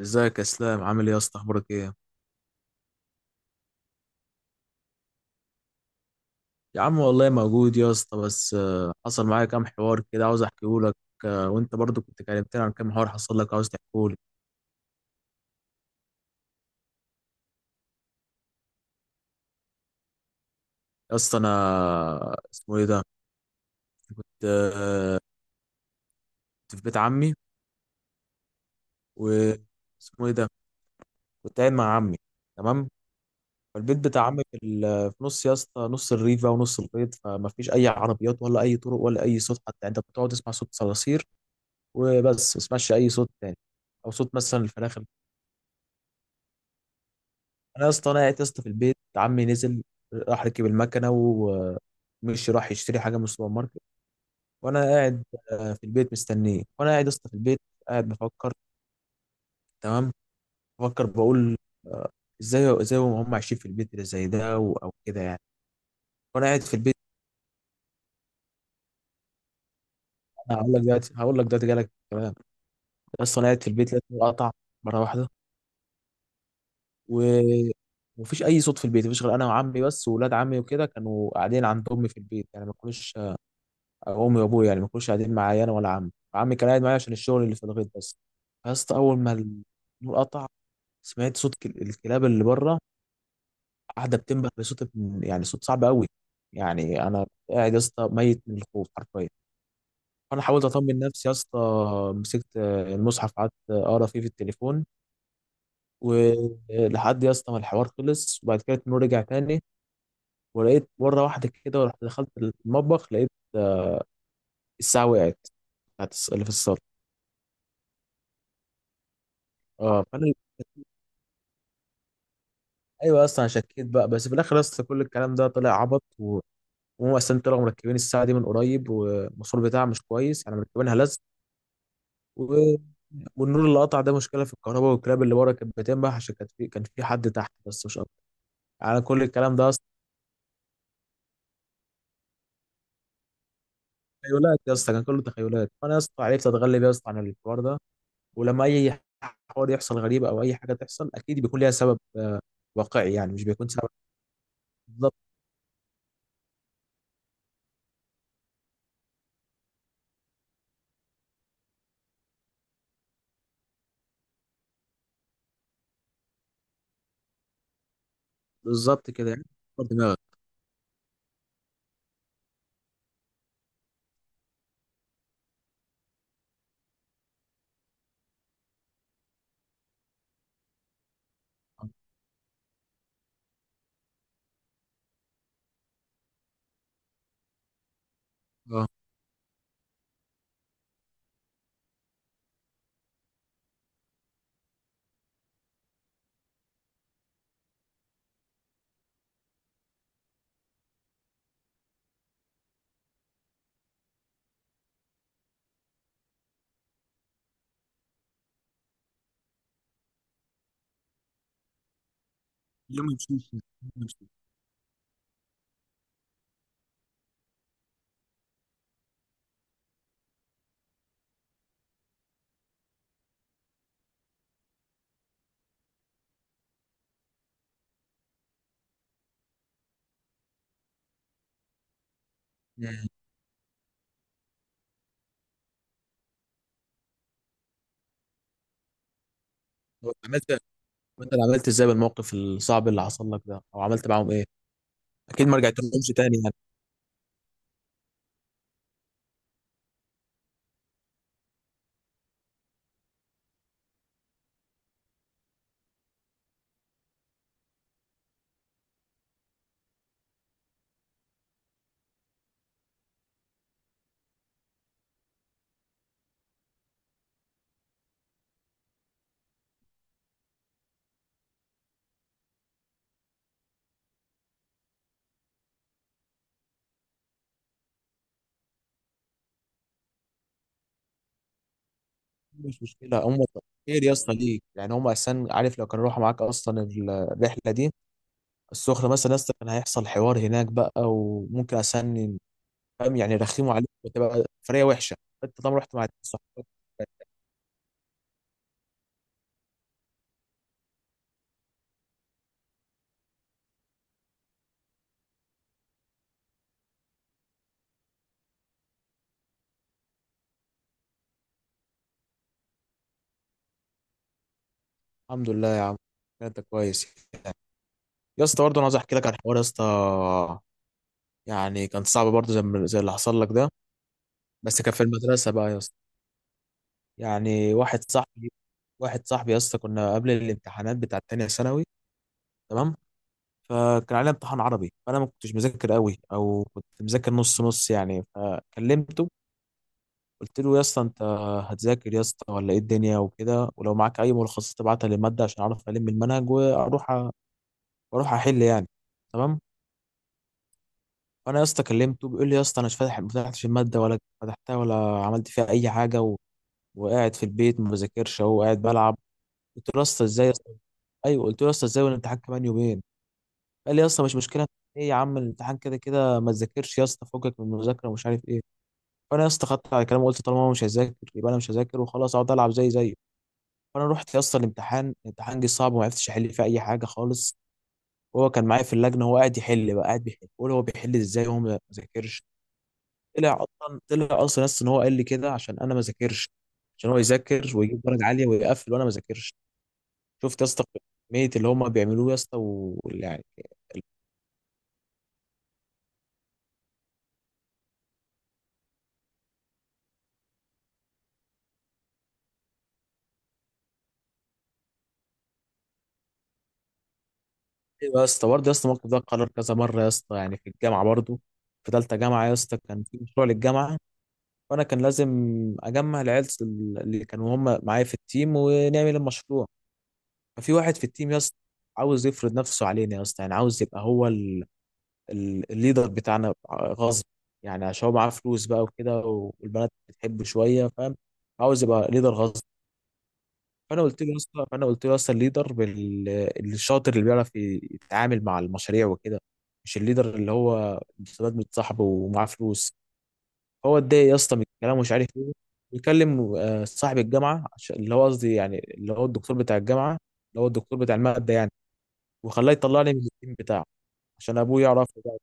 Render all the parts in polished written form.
ازيك يا اسلام؟ عامل ايه يا اسطى؟ اخبارك ايه؟ يا عم والله موجود يا اسطى، بس حصل معايا كام حوار كده عاوز احكيه لك. وانت برضو كنت كلمتني عن كام حوار حصل لك عاوز تحكيه لي. يا اسطى انا اسمه ايه ده، كنت في بيت عمي. و اسمه ايه ده، كنت قاعد مع عمي، تمام. فالبيت بتاع عمي في في نص يا اسطى، نص الريف بقى ونص البيت، فما فيش اي عربيات ولا اي طرق ولا اي صوت حتى. يعني انت بتقعد تسمع صوت صراصير وبس، ما تسمعش اي صوت تاني، او صوت مثلا الفراخ. انا يا اسطى انا قاعد يا اسطى في البيت، عمي نزل راح ركب المكنه ومش راح يشتري حاجه من السوبر ماركت. وانا قاعد في البيت مستنيه، وانا قاعد يا اسطى في البيت قاعد بفكر، تمام. بفكر بقول آه، ازاي هم عايشين في البيت اللي زي ده، او كده يعني. وانا قاعد في البيت، انا هقول لك دلوقتي جالك كمان. بس انا قاعد في البيت لقيت النور قطع مره واحده. و ومفيش اي صوت في البيت، مفيش غير انا وعمي بس. واولاد عمي وكده كانوا قاعدين عند امي في البيت، يعني ما كانوش. امي وابويا يعني ما كانوش قاعدين معايا انا ولا عمي، عمي كان قاعد معايا عشان الشغل اللي في الغيط بس. يا اسطى اول ما النور قطع سمعت صوت الكلاب اللي بره، قاعده بتنبح بصوت يعني صوت صعب قوي. يعني انا قاعد يا اسطى ميت من الخوف حرفيا. انا حاولت اطمن نفسي يا اسطى، مسكت المصحف قعدت اقرا فيه في التليفون. ولحد يا اسطى ما الحوار خلص، وبعد كده النور رجع تاني. ولقيت مره واحده كده، ورحت دخلت المطبخ لقيت الساعه وقعت، بتاعت اللي في الصاله. اه، ايوه اصلا أنا شكيت بقى، بس في الاخر اصلا كل الكلام ده طلع عبط. وهم اصلا طلعوا مركبين الساعه دي من قريب، والموصل بتاعها مش كويس يعني، مركبينها لزق. و... والنور اللي قطع ده مشكله في الكهرباء، والكلاب اللي ورا كانت بتنبح عشان كان في حد تحت بس، مش اكتر. يعني كل الكلام ده اصلا تخيلات يا اسطى، كان كله تخيلات. فانا يا اسطى عرفت اتغلب يا اسطى عن الحوار ده. ولما اي حوار يحصل غريب او اي حاجه تحصل، اكيد بيكون ليها سبب واقعي، يعني مش بيكون سبب بالظبط. بالظبط كده يعني، دماغك. اه، اليوم يمشيش. هو عملت انت اللي عملت ازاي بالموقف الصعب اللي حصل لك ده؟ او عملت معاهم ايه؟ اكيد ما رجعتلهمش تاني يعني. مش مشكله، هم خير يا اسطى ليك يعني. هم اساسا، عارف، لو كانوا راحوا معاك اصلا الرحله دي، السخنه مثلا يا اسطى، كان هيحصل حوار هناك بقى، وممكن اساسا، فاهم يعني، يرخموا عليك وتبقى فريه وحشه. انت طبعا رحت مع صحابك. الحمد لله يا عم، انت كويس. يا اسطى برضه انا عايز احكي لك عن حوار يا اسطى، يعني كان صعب برضه زي ما- زي اللي حصل لك ده، بس كان في المدرسه بقى يا اسطى. يعني واحد صاحبي يا اسطى، كنا قبل الامتحانات بتاعت تانية ثانوي، تمام. فكان علينا امتحان عربي، فانا ما كنتش مذاكر قوي او كنت مذاكر نص نص يعني، فكلمته. قلت له يا اسطى، انت هتذاكر يا اسطى ولا ايه الدنيا وكده؟ ولو معاك اي ملخصات تبعتها للماده عشان اعرف المنهج، واروح واروح احل يعني، تمام. فانا يا اسطى كلمته بيقول لي يا اسطى انا مش فاتح، ما فتحتش الماده ولا فتحتها ولا عملت فيها اي حاجه. وقاعد في البيت ما بذاكرش، اهو قاعد بلعب. قلت له يا اسطى ازاي يا اسطى، ايوه قلت له يا اسطى ازاي والامتحان كمان يومين. قال لي يا اسطى مش مشكله، ايه يا عم الامتحان كده كده ما تذاكرش يا اسطى، فكك من المذاكره ومش عارف ايه. فانا يا اسطى خدت على كلامه وقلت طالما هو مش هيذاكر يبقى انا مش هذاكر وخلاص، اقعد العب زي زيه. فانا رحت يا اسطى الامتحان جه صعب وما عرفتش احل فيه اي حاجه خالص. وهو كان معايا في اللجنه، هو قاعد يحل بقى قاعد بيحل، بقول هو بيحل ازاي وهو ما ذاكرش. طلع اصلا يا اسطى ان هو قال لي كده عشان انا ما ذاكرش، عشان هو يذاكر ويجيب درجه عاليه ويقفل وانا ما ذاكرش. شفت يا اسطى كميه اللي هم بيعملوه يا اسطى ويعني. ايوه يا اسطى، برضه يا اسطى الموقف ده اتكرر كذا مره يا اسطى، يعني في الجامعه برضه. في ثالثه جامعه يا اسطى كان في مشروع للجامعه، وانا كان لازم اجمع العيال اللي كانوا هم معايا في التيم ونعمل المشروع. ففي واحد في التيم يا اسطى عاوز يفرض نفسه علينا يا اسطى، يعني عاوز يبقى هو الليدر بتاعنا غصب. يعني عشان هو معاه فلوس بقى وكده، والبنات بتحبه شويه، فاهم، عاوز يبقى ليدر غصب. فانا قلت له اصلا الليدر الشاطر اللي بيعرف يتعامل مع المشاريع وكده، مش الليدر اللي هو مستفاد من صاحبه ومعاه فلوس. هو اتضايق يا اسطى من الكلام ومش عارف ايه، بيكلم صاحب الجامعه اللي هو قصدي يعني، اللي هو الدكتور بتاع الجامعه، اللي هو الدكتور بتاع الماده يعني، وخلاه يطلعني من التيم بتاعه، عشان ابوه يعرف بقى.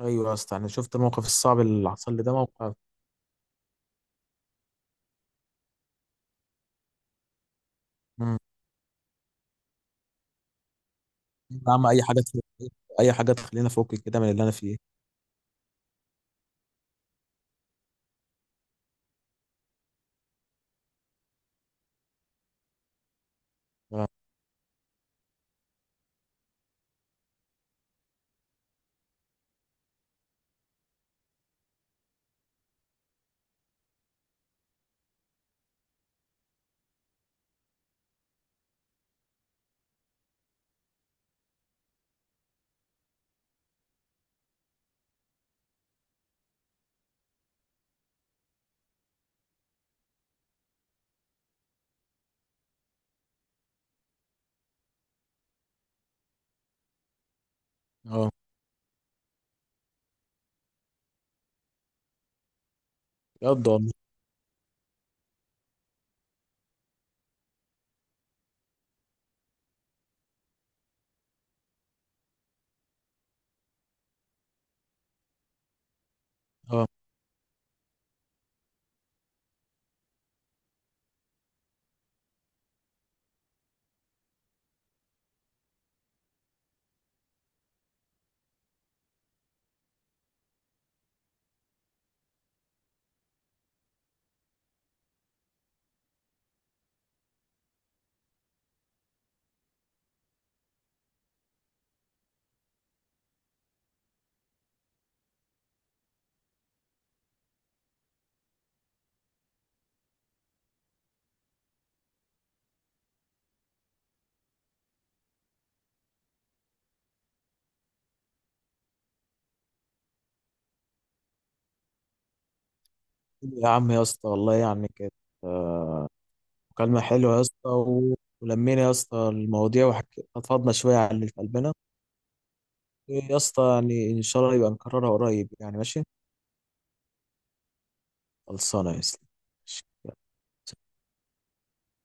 ايوه يا اسطى، انا شفت الموقف الصعب اللي حصل لي ده موقف. مم. يا عم اي حاجه تخلينا فوق كده من اللي انا فيه. اه آه. بجد والله. اه. يا عم يا اسطى والله، يعني كانت آه، مكالمة حلوة يا اسطى، ولمينا يا اسطى المواضيع، وفضنا شوية على اللي في قلبنا. يا اسطى يعني إن شاء الله يبقى نكررها قريب، يعني ماشي. خلصانة يا اسطى. ماشي.